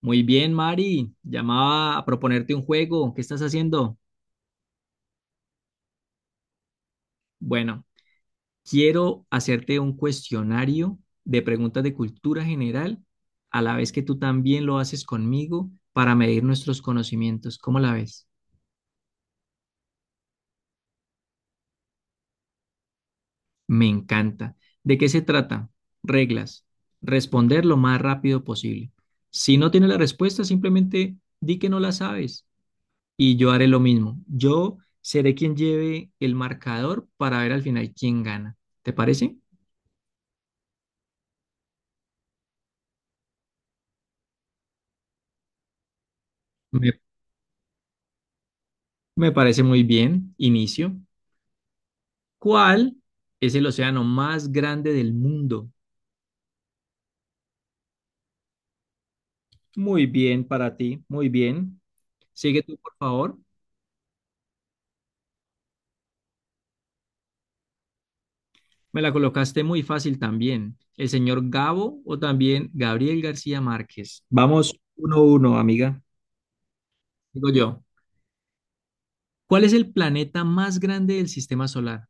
Muy bien, Mari. Llamaba a proponerte un juego. ¿Qué estás haciendo? Bueno, quiero hacerte un cuestionario de preguntas de cultura general, a la vez que tú también lo haces conmigo para medir nuestros conocimientos. ¿Cómo la ves? Me encanta. ¿De qué se trata? Reglas. Responder lo más rápido posible. Si no tienes la respuesta, simplemente di que no la sabes. Y yo haré lo mismo. Yo seré quien lleve el marcador para ver al final quién gana. ¿Te parece? Me, me parece muy bien. Inicio. ¿Cuál es el océano más grande del mundo? Muy bien para ti, muy bien. Sigue tú, por favor. Me la colocaste muy fácil también. El señor Gabo o también Gabriel García Márquez. Vamos 1-1, amiga. Digo yo. ¿Cuál es el planeta más grande del sistema solar?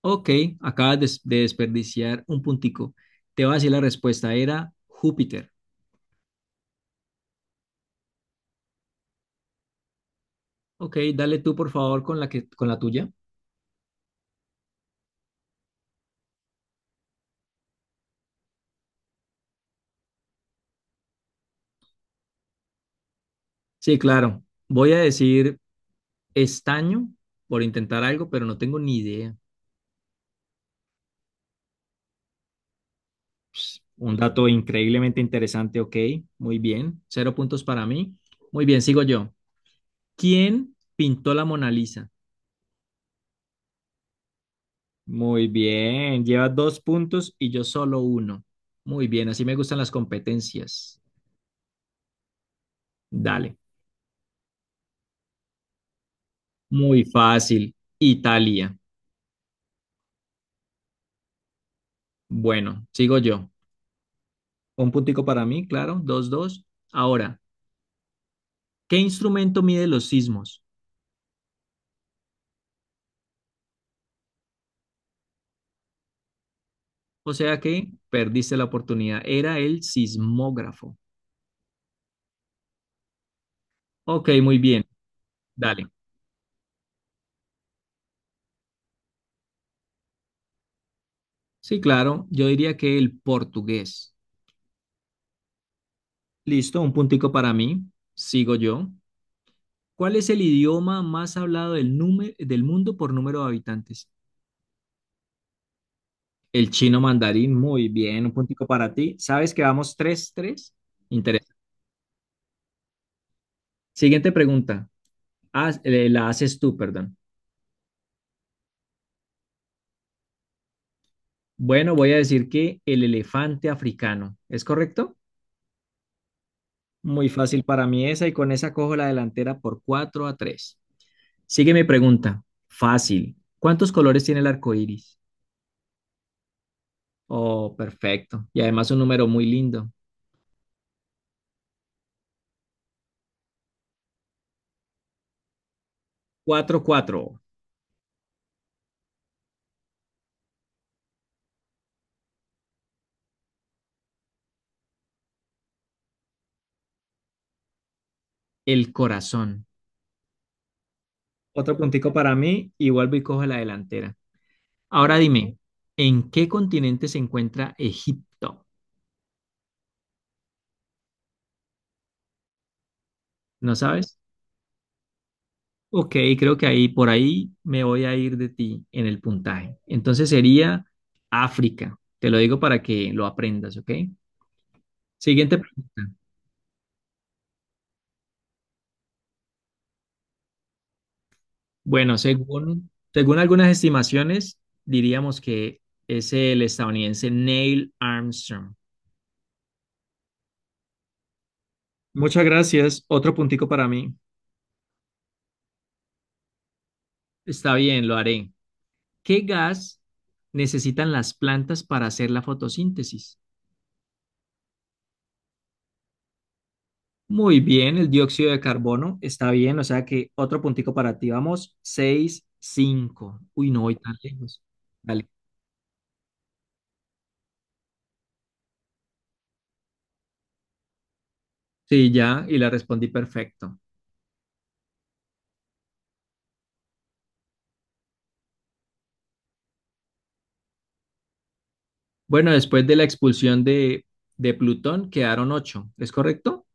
Ok, acabas de desperdiciar un puntico. Te voy a decir la respuesta, era Júpiter. Ok, dale tú por favor con la tuya. Sí, claro. Voy a decir estaño por intentar algo, pero no tengo ni idea. Un dato increíblemente interesante, ok, muy bien. Cero puntos para mí. Muy bien, sigo yo. ¿Quién pintó la Mona Lisa? Muy bien, llevas dos puntos y yo solo uno. Muy bien, así me gustan las competencias. Dale. Muy fácil. Italia. Bueno, sigo yo. Un puntico para mí, claro. 2-2. Ahora, ¿qué instrumento mide los sismos? O sea que perdiste la oportunidad. Era el sismógrafo. Ok, muy bien. Dale. Sí, claro. Yo diría que el portugués. Listo, un puntico para mí. Sigo yo. ¿Cuál es el idioma más hablado del mundo por número de habitantes? El chino mandarín. Muy bien, un puntico para ti. ¿Sabes que vamos tres? 3. Siguiente pregunta. La haces tú, perdón. Bueno, voy a decir que el elefante africano. ¿Es correcto? Muy fácil para mí esa y con esa cojo la delantera por 4-3. Sigue mi pregunta. Fácil. ¿Cuántos colores tiene el arco iris? Oh, perfecto. Y además un número muy lindo. 4-4. El corazón. Otro puntico para mí y vuelvo y cojo la delantera. Ahora dime, ¿en qué continente se encuentra Egipto? ¿No sabes? Ok, creo que ahí por ahí me voy a ir de ti en el puntaje. Entonces sería África. Te lo digo para que lo aprendas, ¿ok? Siguiente pregunta. Bueno, según algunas estimaciones, diríamos que es el estadounidense Neil Armstrong. Muchas gracias. Otro puntico para mí. Está bien, lo haré. ¿Qué gas necesitan las plantas para hacer la fotosíntesis? Muy bien, el dióxido de carbono está bien, o sea que otro puntico para ti. Vamos, 6-5. Uy, no voy tan lejos. Dale. Sí, ya, y la respondí perfecto. Bueno, después de la expulsión de Plutón quedaron 8, ¿es correcto?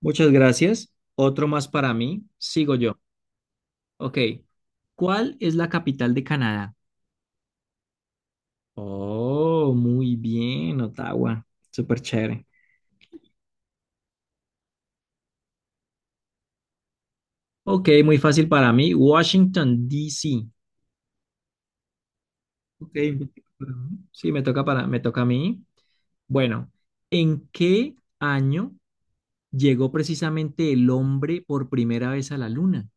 Muchas gracias. Otro más para mí. Sigo yo. Ok. ¿Cuál es la capital de Canadá? Oh, muy bien, Ottawa. Súper chévere. Ok, muy fácil para mí. Washington, D.C. Ok, 24, ¿no? Sí, me toca a mí. Bueno, ¿en qué año llegó precisamente el hombre por primera vez a la luna?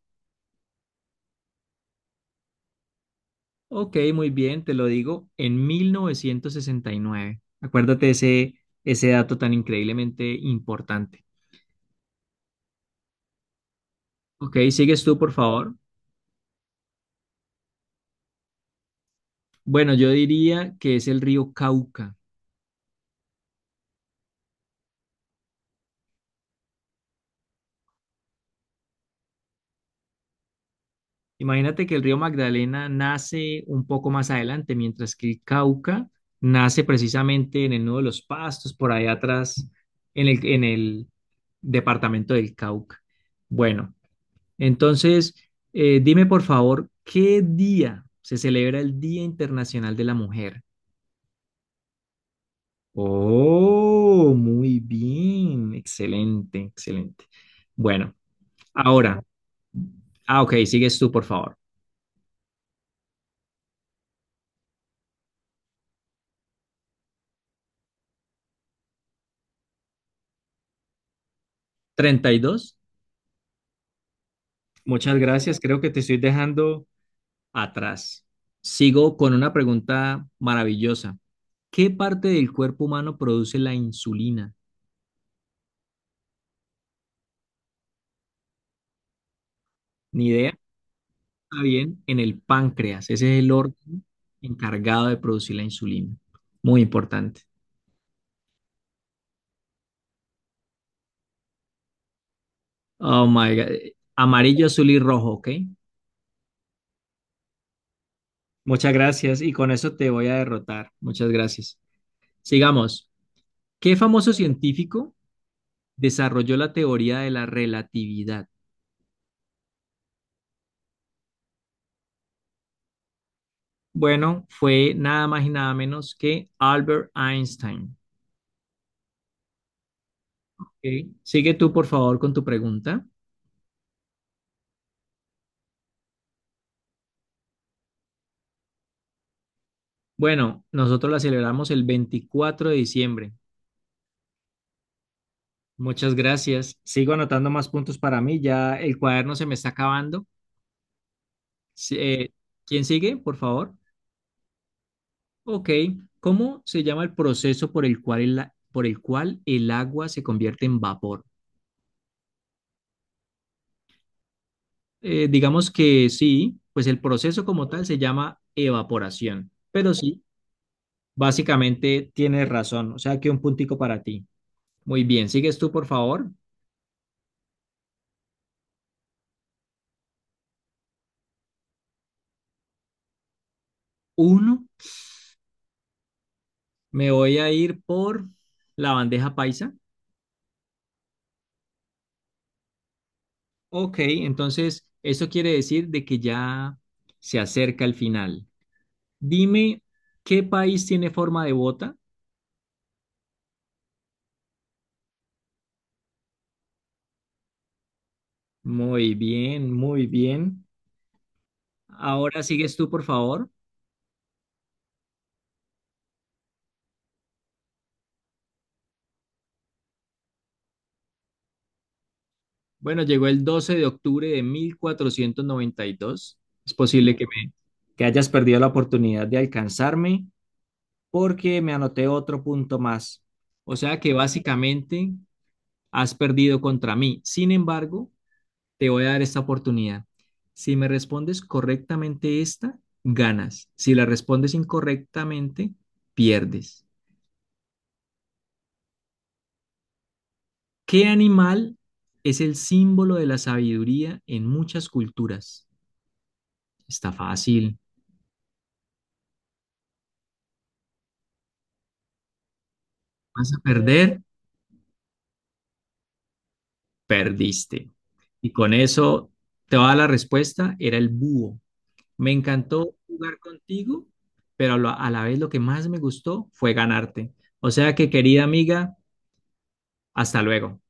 Ok, muy bien, te lo digo, en 1969. Acuérdate ese dato tan increíblemente importante. Ok, sigues tú, por favor. Bueno, yo diría que es el río Cauca. Imagínate que el río Magdalena nace un poco más adelante, mientras que el Cauca nace precisamente en el Nudo de los Pastos, por allá atrás, en el departamento del Cauca. Bueno, entonces, dime por favor, ¿qué día se celebra el Día Internacional de la Mujer? Oh, muy bien, excelente, excelente. Bueno, ahora, ok, sigues tú, por favor. ¿32? Muchas gracias. Creo que te estoy dejando atrás. Sigo con una pregunta maravillosa. ¿Qué parte del cuerpo humano produce la insulina? Ni idea. Está bien, en el páncreas. Ese es el órgano encargado de producir la insulina. Muy importante. Oh my God. Amarillo, azul y rojo, ¿ok? Muchas gracias. Y con eso te voy a derrotar. Muchas gracias. Sigamos. ¿Qué famoso científico desarrolló la teoría de la relatividad? Bueno, fue nada más y nada menos que Albert Einstein. ¿Ok? Sigue tú, por favor, con tu pregunta. Bueno, nosotros la celebramos el 24 de diciembre. Muchas gracias. Sigo anotando más puntos para mí. Ya el cuaderno se me está acabando. Sí, ¿quién sigue, por favor? Ok. ¿Cómo se llama el proceso por el cual el agua se convierte en vapor? Digamos que sí, pues el proceso como tal se llama evaporación. Pero sí, básicamente tienes razón, o sea, aquí un puntico para ti. Muy bien, sigues tú, por favor. Uno, me voy a ir por la bandeja paisa. Ok, entonces eso quiere decir de que ya se acerca el final. Dime, ¿qué país tiene forma de bota? Muy bien, muy bien. Ahora sigues tú, por favor. Bueno, llegó el 12 de octubre de 1492. Es posible que hayas perdido la oportunidad de alcanzarme, porque me anoté otro punto más. O sea que básicamente has perdido contra mí. Sin embargo, te voy a dar esta oportunidad. Si me respondes correctamente esta, ganas. Si la respondes incorrectamente, pierdes. ¿Qué animal es el símbolo de la sabiduría en muchas culturas? Está fácil. ¿Vas a perder? Perdiste. Y con eso te va a dar la respuesta, era el búho. Me encantó jugar contigo, pero a la vez lo que más me gustó fue ganarte. O sea que, querida amiga, hasta luego.